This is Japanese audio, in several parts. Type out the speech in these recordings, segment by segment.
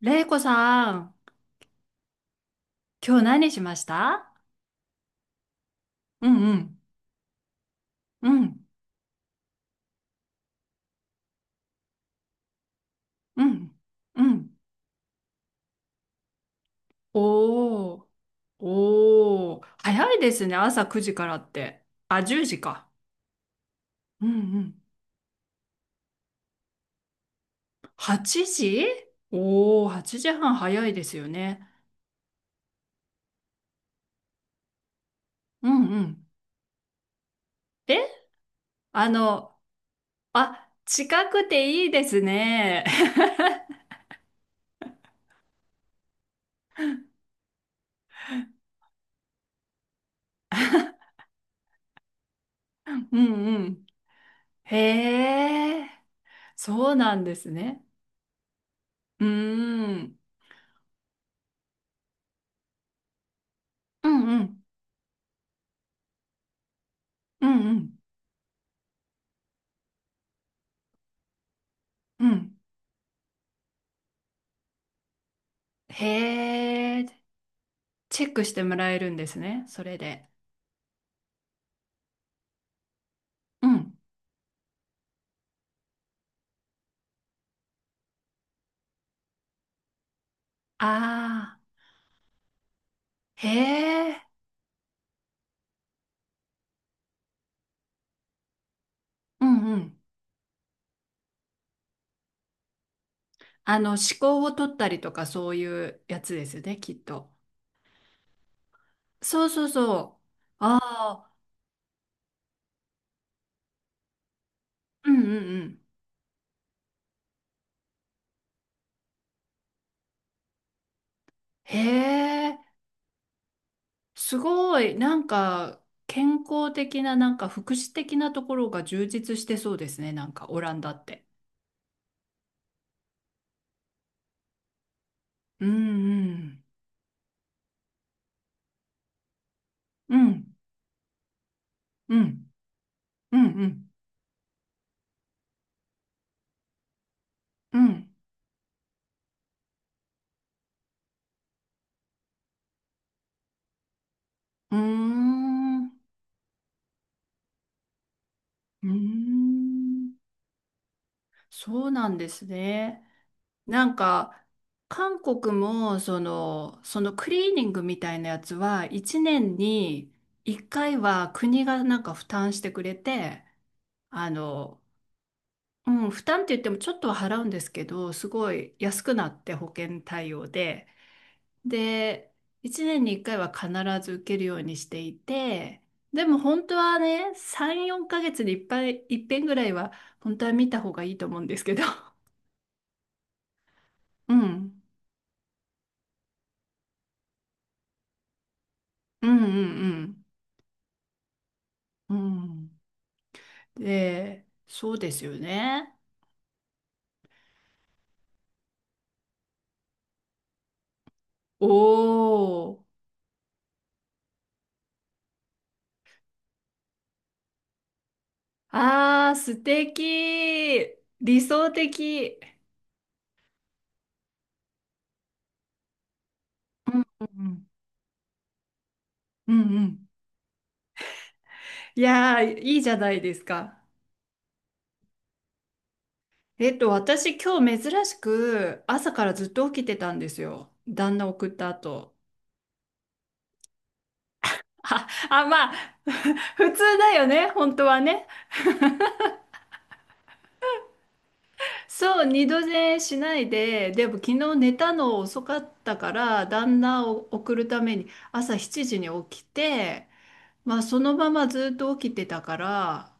れいこさん、今日何しましたうんうん。うん。うん。うん。おー、おー、早いですね、朝9時からって。あ、10時か。うんうん。8時、おー、8時半早いですよね。うんうん。え、あの、あ、近くていいですね。うんうん。へえ、そうなんですね。うーん。うんうん。うんうん。うん、へえ、チェックしてもらえるんですね、それで。うん。ああ、へえ、うんうん。あの、思考を取ったりとかそういうやつですね、きっと。そうそうそう。ああ、うんうんうん。へえ、すごい。なんか、健康的な、なんか福祉的なところが充実してそうですね、なんかオランダって。うんうん。うん、うん、うん、うん、うん。うーん。うーん、そうなんですね。なんか、韓国も、その、そのクリーニングみたいなやつは、1年に1回は国がなんか負担してくれて、あの、うん、負担って言ってもちょっとは払うんですけど、すごい安くなって保険対応で、で、1年に1回は必ず受けるようにしていて、でも本当はね、3、4ヶ月にいっぱい、いっぺんぐらいは本当は見た方がいいと思うんですけど。うん。うんうんうん。うん。で、そうですよね。おー。あー、素敵。理想的。うんうんうん。うんうん。いやー、いいじゃないですか。えっと、私今日珍しく朝からずっと起きてたんですよ。旦那送った後。あ、あ、まあ、普通だよね、本当はね。そう、二度寝しないで、でも昨日寝たの遅かったから、旦那を送るために朝7時に起きて、まあそのままずっと起きてたから、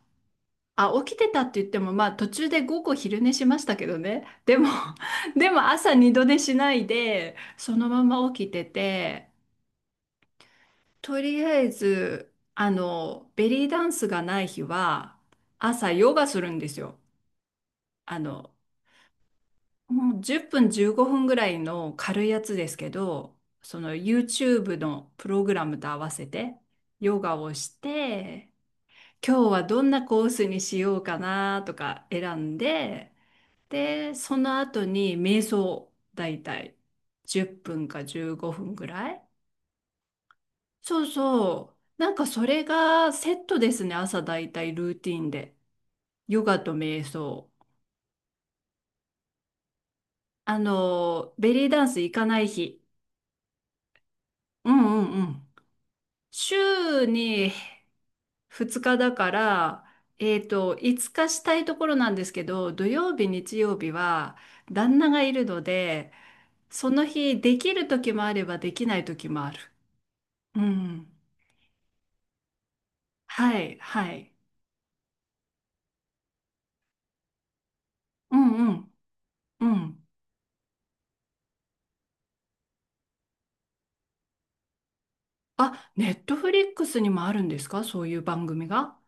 あ、起きてたって言っても、まあ途中で午後昼寝しましたけどね。でも、でも朝二度寝しないで、そのまま起きてて、とりあえず、あの、ベリーダンスがない日は、朝ヨガするんですよ。あの、もう10分15分ぐらいの軽いやつですけど、その YouTube のプログラムと合わせてヨガをして、今日はどんなコースにしようかなとか選んで、で、その後に瞑想、だいたい10分か15分ぐらい。そうそう。なんかそれがセットですね、朝だいたいルーティンで。ヨガと瞑想。あの、ベリーダンス行かない日。うんうんうん。週に2日だから、えっと、5日したいところなんですけど、土曜日、日曜日は旦那がいるので、その日できる時もあればできない時もある。うん。はい、はい。うんうん。うん。あ、ネットフリックスにもあるんですか、そういう番組が。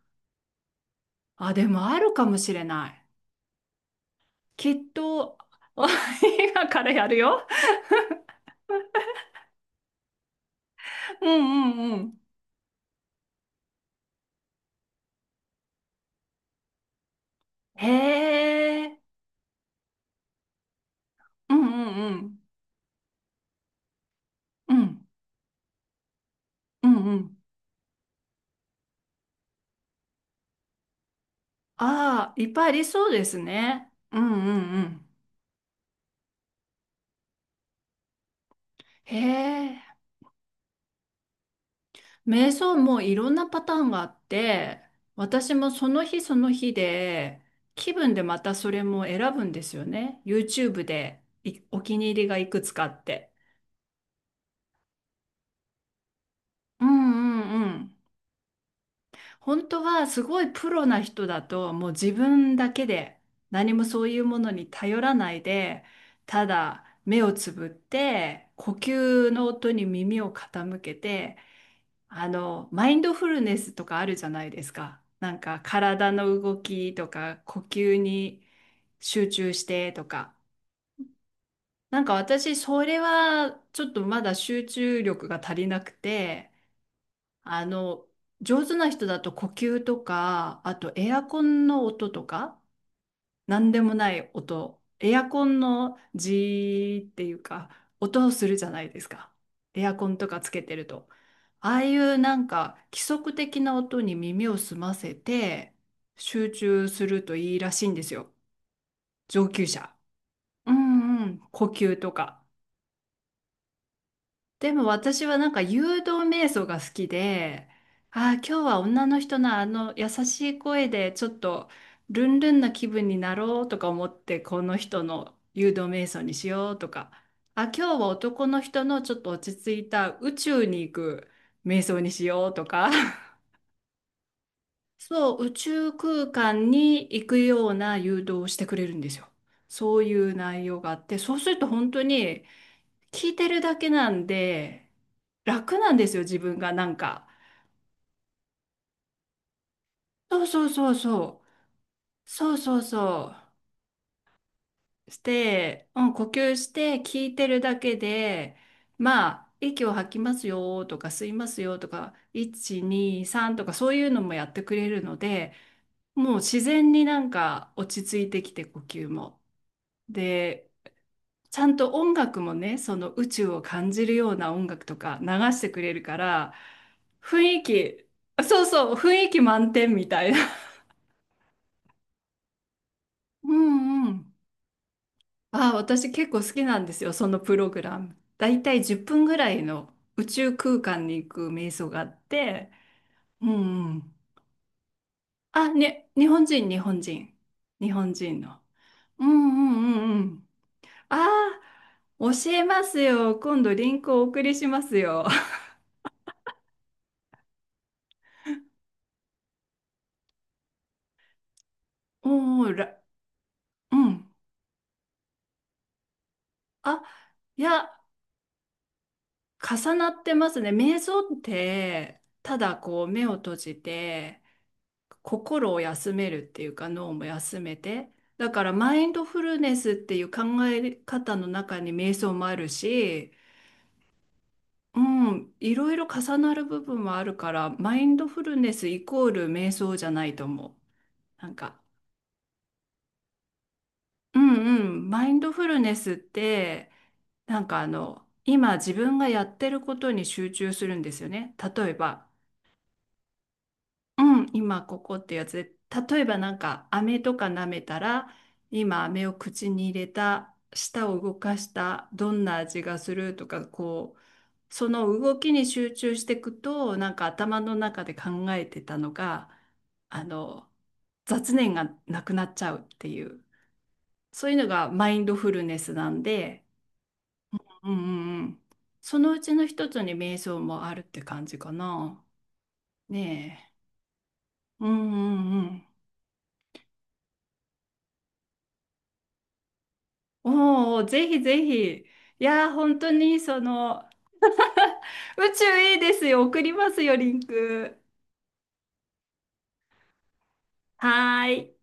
あ、でもあるかもしれない。きっと、あ、 今からやるよ。うんうんうん。へえ。うんうんうん。うんうんうん。ああ、いっぱいありそうですね。うんうんうん。へえ。瞑想もいろんなパターンがあって、私もその日その日で、気分でまたそれも選ぶんですよね。YouTube でいお気に入りがいくつかあって。うんうんうん。本当はすごいプロな人だと、もう自分だけで何もそういうものに頼らないで、ただ目をつぶって呼吸の音に耳を傾けて、あのマインドフルネスとかあるじゃないですか。なんか体の動きとか呼吸に集中してとか。なんか私それはちょっとまだ集中力が足りなくて。あの、上手な人だと呼吸とか、あとエアコンの音とか、なんでもない音、エアコンのジーっていうか、音をするじゃないですか。エアコンとかつけてると。ああいうなんか規則的な音に耳を澄ませて集中するといいらしいんですよ。上級者。うんうん。呼吸とか。でも私はなんか誘導瞑想が好きで、ああ、今日は女の人のあの優しい声でちょっとルンルンな気分になろうとか思って、この人の誘導瞑想にしようとか、あ、今日は男の人のちょっと落ち着いた宇宙に行く瞑想にしようとか、そう、宇宙空間に行くような誘導をしてくれるんですよ。そういう内容があって、そうすると本当に聞いてるだけなんで、楽なんですよ、自分がなんか。そうそうそうそう。そうそうそう。して、うん、呼吸して聞いてるだけで、まあ、息を吐きますよとか吸いますよとか、1、2、3とかそういうのもやってくれるので、もう自然になんか落ち着いてきて呼吸も。で、ちゃんと音楽もね、その宇宙を感じるような音楽とか流してくれるから、雰囲気、そうそう、雰囲気満点みたいな。うんうん。ああ、私結構好きなんですよ、そのプログラム。だいたい10分ぐらいの宇宙空間に行く瞑想があって、うんうん。あ、ね、日本人、日本人。日本人の。うんうんうんうん。ああ、教えますよ。今度リンクをお送りしますよ。おーら、うん。あ、いや、重なってますね。瞑想って、ただこう目を閉じて、心を休めるっていうか脳も休めて、だからマインドフルネスっていう考え方の中に瞑想もあるし、うん、いろいろ重なる部分もあるから、マインドフルネスイコール瞑想じゃないと思う。なんか、うんうん、マインドフルネスって、なんかあの、今自分がやってることに集中するんですよね。例えば、うん、今ここってやつで、例えばなんか飴とか舐めたら、今飴を口に入れた、舌を動かした、どんな味がするとか、こう、その動きに集中していくと、なんか頭の中で考えてたのが、あの、雑念がなくなっちゃうっていう、そういうのがマインドフルネスなんで、うんうんうん。そのうちの一つに瞑想もあるって感じかな。ねえ。うんうんうん。おお、ぜひぜひ。いやー、本当にその、宇宙いいですよ。送りますよ、リンク。はーい。